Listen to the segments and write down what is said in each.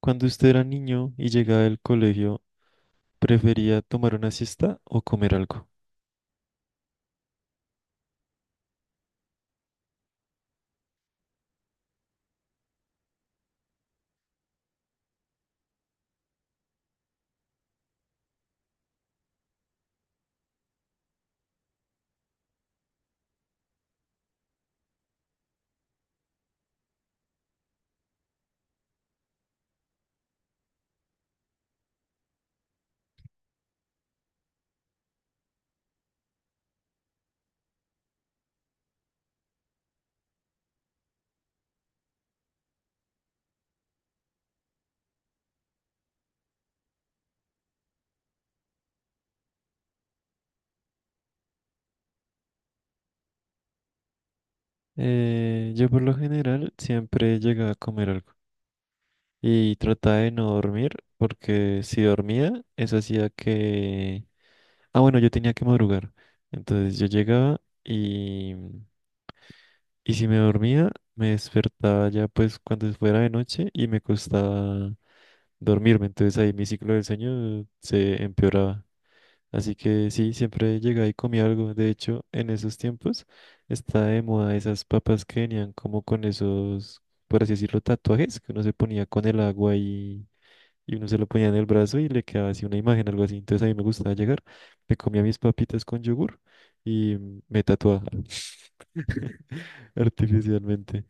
Cuando usted era niño y llegaba del colegio, ¿prefería tomar una siesta o comer algo? Yo por lo general siempre llegaba a comer algo y trataba de no dormir porque si dormía, eso hacía que... Ah, bueno, yo tenía que madrugar. Entonces yo llegaba y si me dormía, me despertaba ya pues cuando fuera de noche y me costaba dormirme. Entonces ahí mi ciclo del sueño se empeoraba. Así que sí, siempre llegaba y comía algo. De hecho, en esos tiempos está de moda esas papas que venían como con esos, por así decirlo, tatuajes que uno se ponía con el agua y uno se lo ponía en el brazo y le quedaba así una imagen, algo así. Entonces a mí me gustaba llegar, me comía mis papitas con yogur y me tatuaba artificialmente.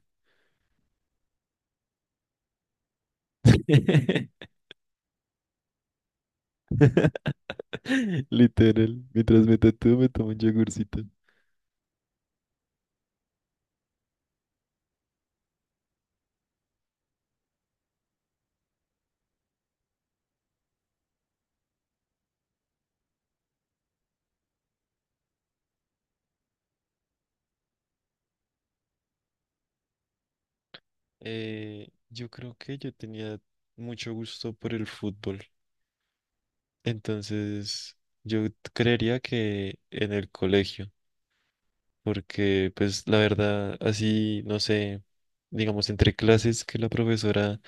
Literal, mientras me tatúo me tomo un yogurcito. Yo creo que yo tenía mucho gusto por el fútbol. Entonces, yo creería que en el colegio, porque pues la verdad, así, no sé, digamos, entre clases que la profesora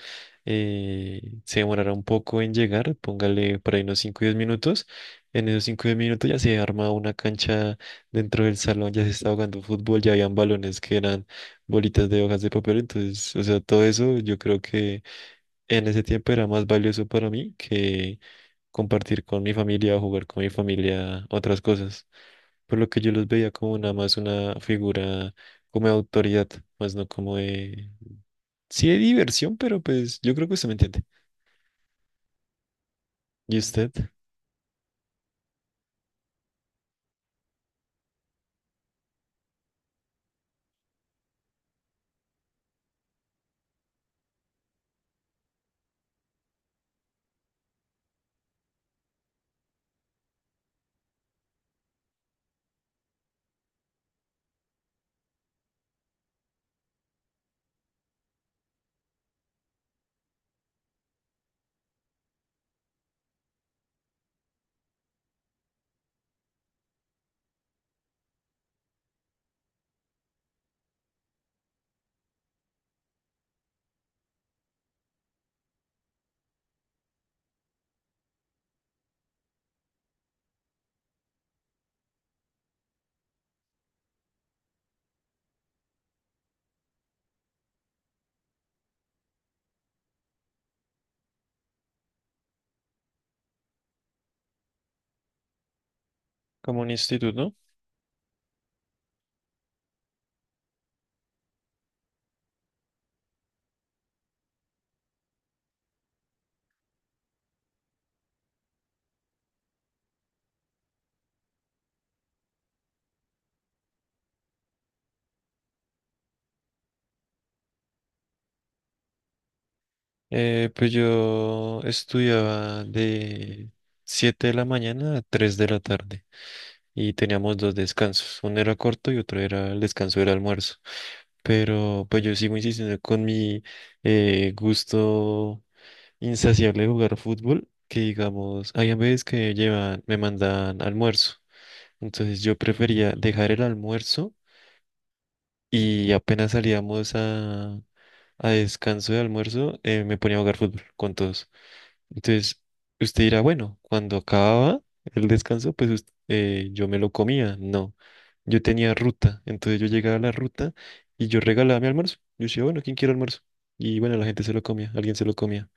se demorara un poco en llegar, póngale por ahí unos 5 o 10 minutos, en esos 5 o 10 minutos ya se arma una cancha dentro del salón, ya se estaba jugando fútbol, ya habían balones que eran bolitas de hojas de papel, entonces, o sea, todo eso yo creo que en ese tiempo era más valioso para mí que compartir con mi familia o jugar con mi familia otras cosas, por lo que yo los veía como nada más una figura como de autoridad, más no como de... Sí de diversión, pero pues yo creo que usted me entiende. ¿Y usted? Como un instituto. Pues yo estudiaba de 7 de la mañana a 3 de la tarde. Y teníamos dos descansos. Uno era corto y otro era el descanso del almuerzo. Pero pues yo sigo insistiendo con mi gusto insaciable de jugar fútbol, que digamos, hay veces que llevan, me mandan almuerzo. Entonces yo prefería dejar el almuerzo y apenas salíamos a descanso de almuerzo, me ponía a jugar fútbol con todos. Entonces, usted dirá, bueno, cuando acababa el descanso, pues yo me lo comía. No, yo tenía ruta, entonces yo llegaba a la ruta y yo regalaba mi almuerzo. Yo decía, bueno, ¿quién quiere almuerzo? Y bueno, la gente se lo comía, alguien se lo comía.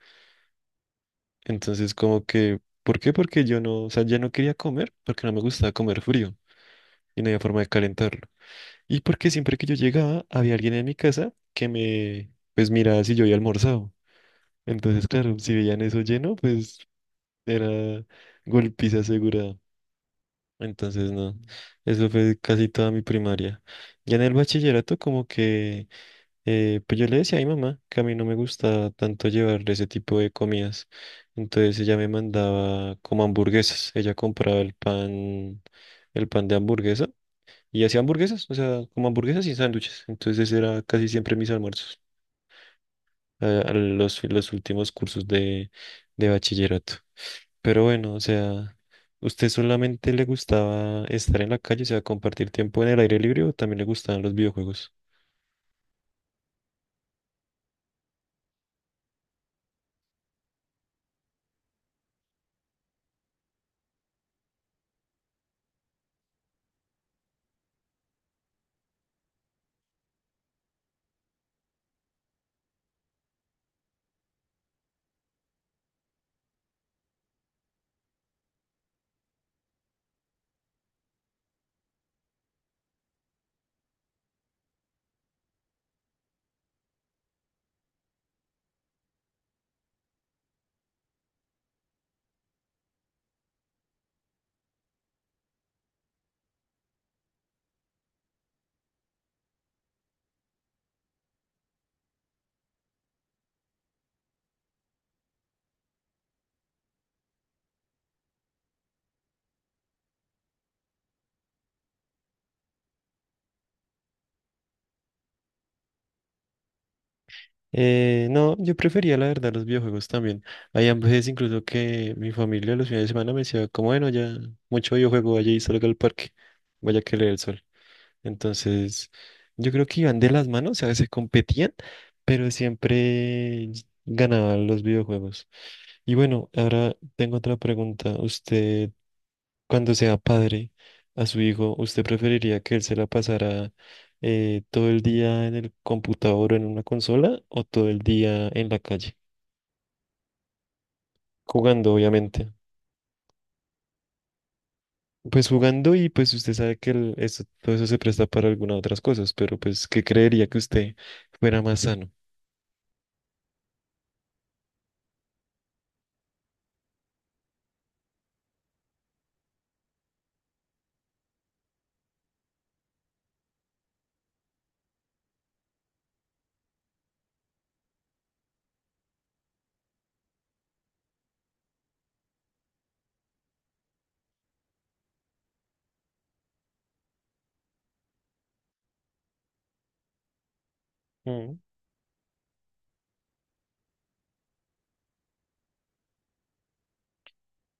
Entonces, como que, ¿por qué? Porque yo no, o sea, ya no quería comer porque no me gustaba comer frío y no había forma de calentarlo. Y porque siempre que yo llegaba, había alguien en mi casa que me, pues miraba si yo había almorzado. Entonces, claro, si veían eso lleno, pues era golpiza asegurada. Entonces, no, eso fue casi toda mi primaria. Ya en el bachillerato, como que, pues yo le decía a mi mamá que a mí no me gustaba tanto llevarle ese tipo de comidas. Entonces ella me mandaba como hamburguesas. Ella compraba el pan de hamburguesa y hacía hamburguesas, o sea, como hamburguesas y sándwiches. Entonces ese era casi siempre mis almuerzos, a los últimos cursos de bachillerato. Pero bueno, o sea, ¿usted solamente le gustaba estar en la calle, o sea, compartir tiempo en el aire libre o también le gustaban los videojuegos? No, yo prefería la verdad los videojuegos también. Hay veces incluso que mi familia los fines de semana me decía, como bueno, ya mucho videojuego, vaya y salga al parque, vaya que le dé el sol. Entonces, yo creo que iban de las manos, a veces competían, pero siempre ganaban los videojuegos. Y bueno, ahora tengo otra pregunta. Usted, cuando sea padre a su hijo, ¿usted preferiría que él se la pasara todo el día en el computador o en una consola o todo el día en la calle? Jugando, obviamente. Pues jugando y pues usted sabe que el- eso- todo eso se presta para algunas otras cosas, pero pues, ¿qué creería que usted fuera más sano?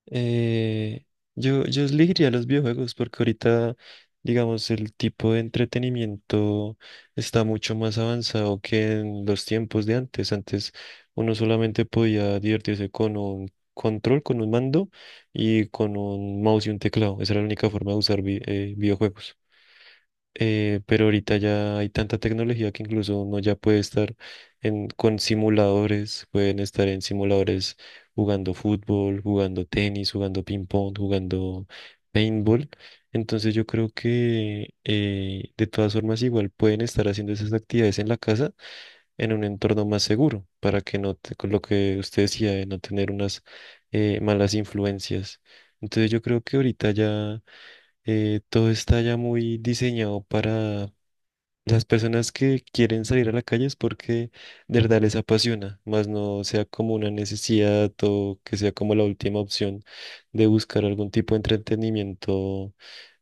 Eh, yo elegiría los videojuegos porque ahorita, digamos, el tipo de entretenimiento está mucho más avanzado que en los tiempos de antes. Antes uno solamente podía divertirse con un control, con un mando y con un mouse y un teclado. Esa era la única forma de usar videojuegos. Pero ahorita ya hay tanta tecnología que incluso uno ya puede estar en, con simuladores, pueden estar en simuladores jugando fútbol, jugando tenis, jugando ping pong, jugando paintball. Entonces yo creo que de todas formas igual pueden estar haciendo esas actividades en la casa en un entorno más seguro para que no, con lo que usted decía, de no tener unas malas influencias. Entonces yo creo que ahorita ya todo está ya muy diseñado para las personas que quieren salir a la calle es porque de verdad les apasiona, más no sea como una necesidad o que sea como la última opción de buscar algún tipo de entretenimiento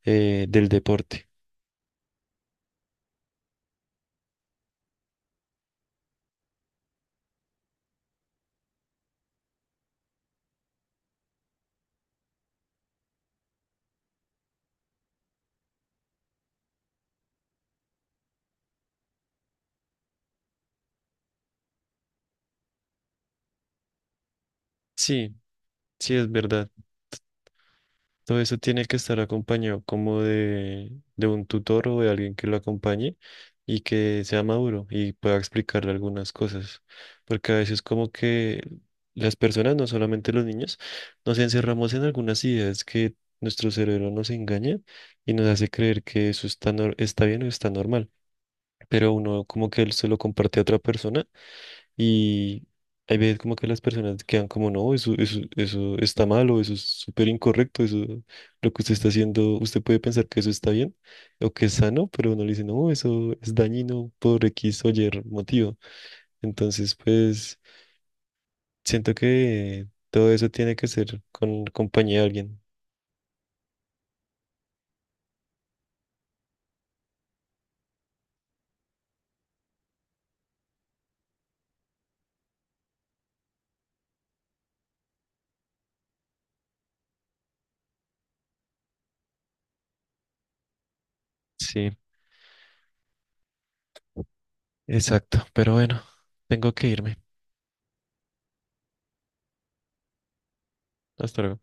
del deporte. Sí, sí, es verdad. Todo eso tiene que estar acompañado como de un tutor o de alguien que lo acompañe y que sea maduro y pueda explicarle algunas cosas. Porque a veces como que las personas, no solamente los niños, nos encerramos en algunas ideas que nuestro cerebro nos engaña y nos hace creer que eso está, está bien o está normal. Pero uno como que él se lo comparte a otra persona y hay veces como que las personas quedan como, no, eso está mal o eso es súper incorrecto, eso, lo que usted está haciendo, usted puede pensar que eso está bien o que es sano, pero uno le dice, no, eso es dañino por X o Y motivo. Entonces, pues, siento que todo eso tiene que ser con compañía de alguien. Sí, exacto. Pero bueno, tengo que irme. Hasta luego.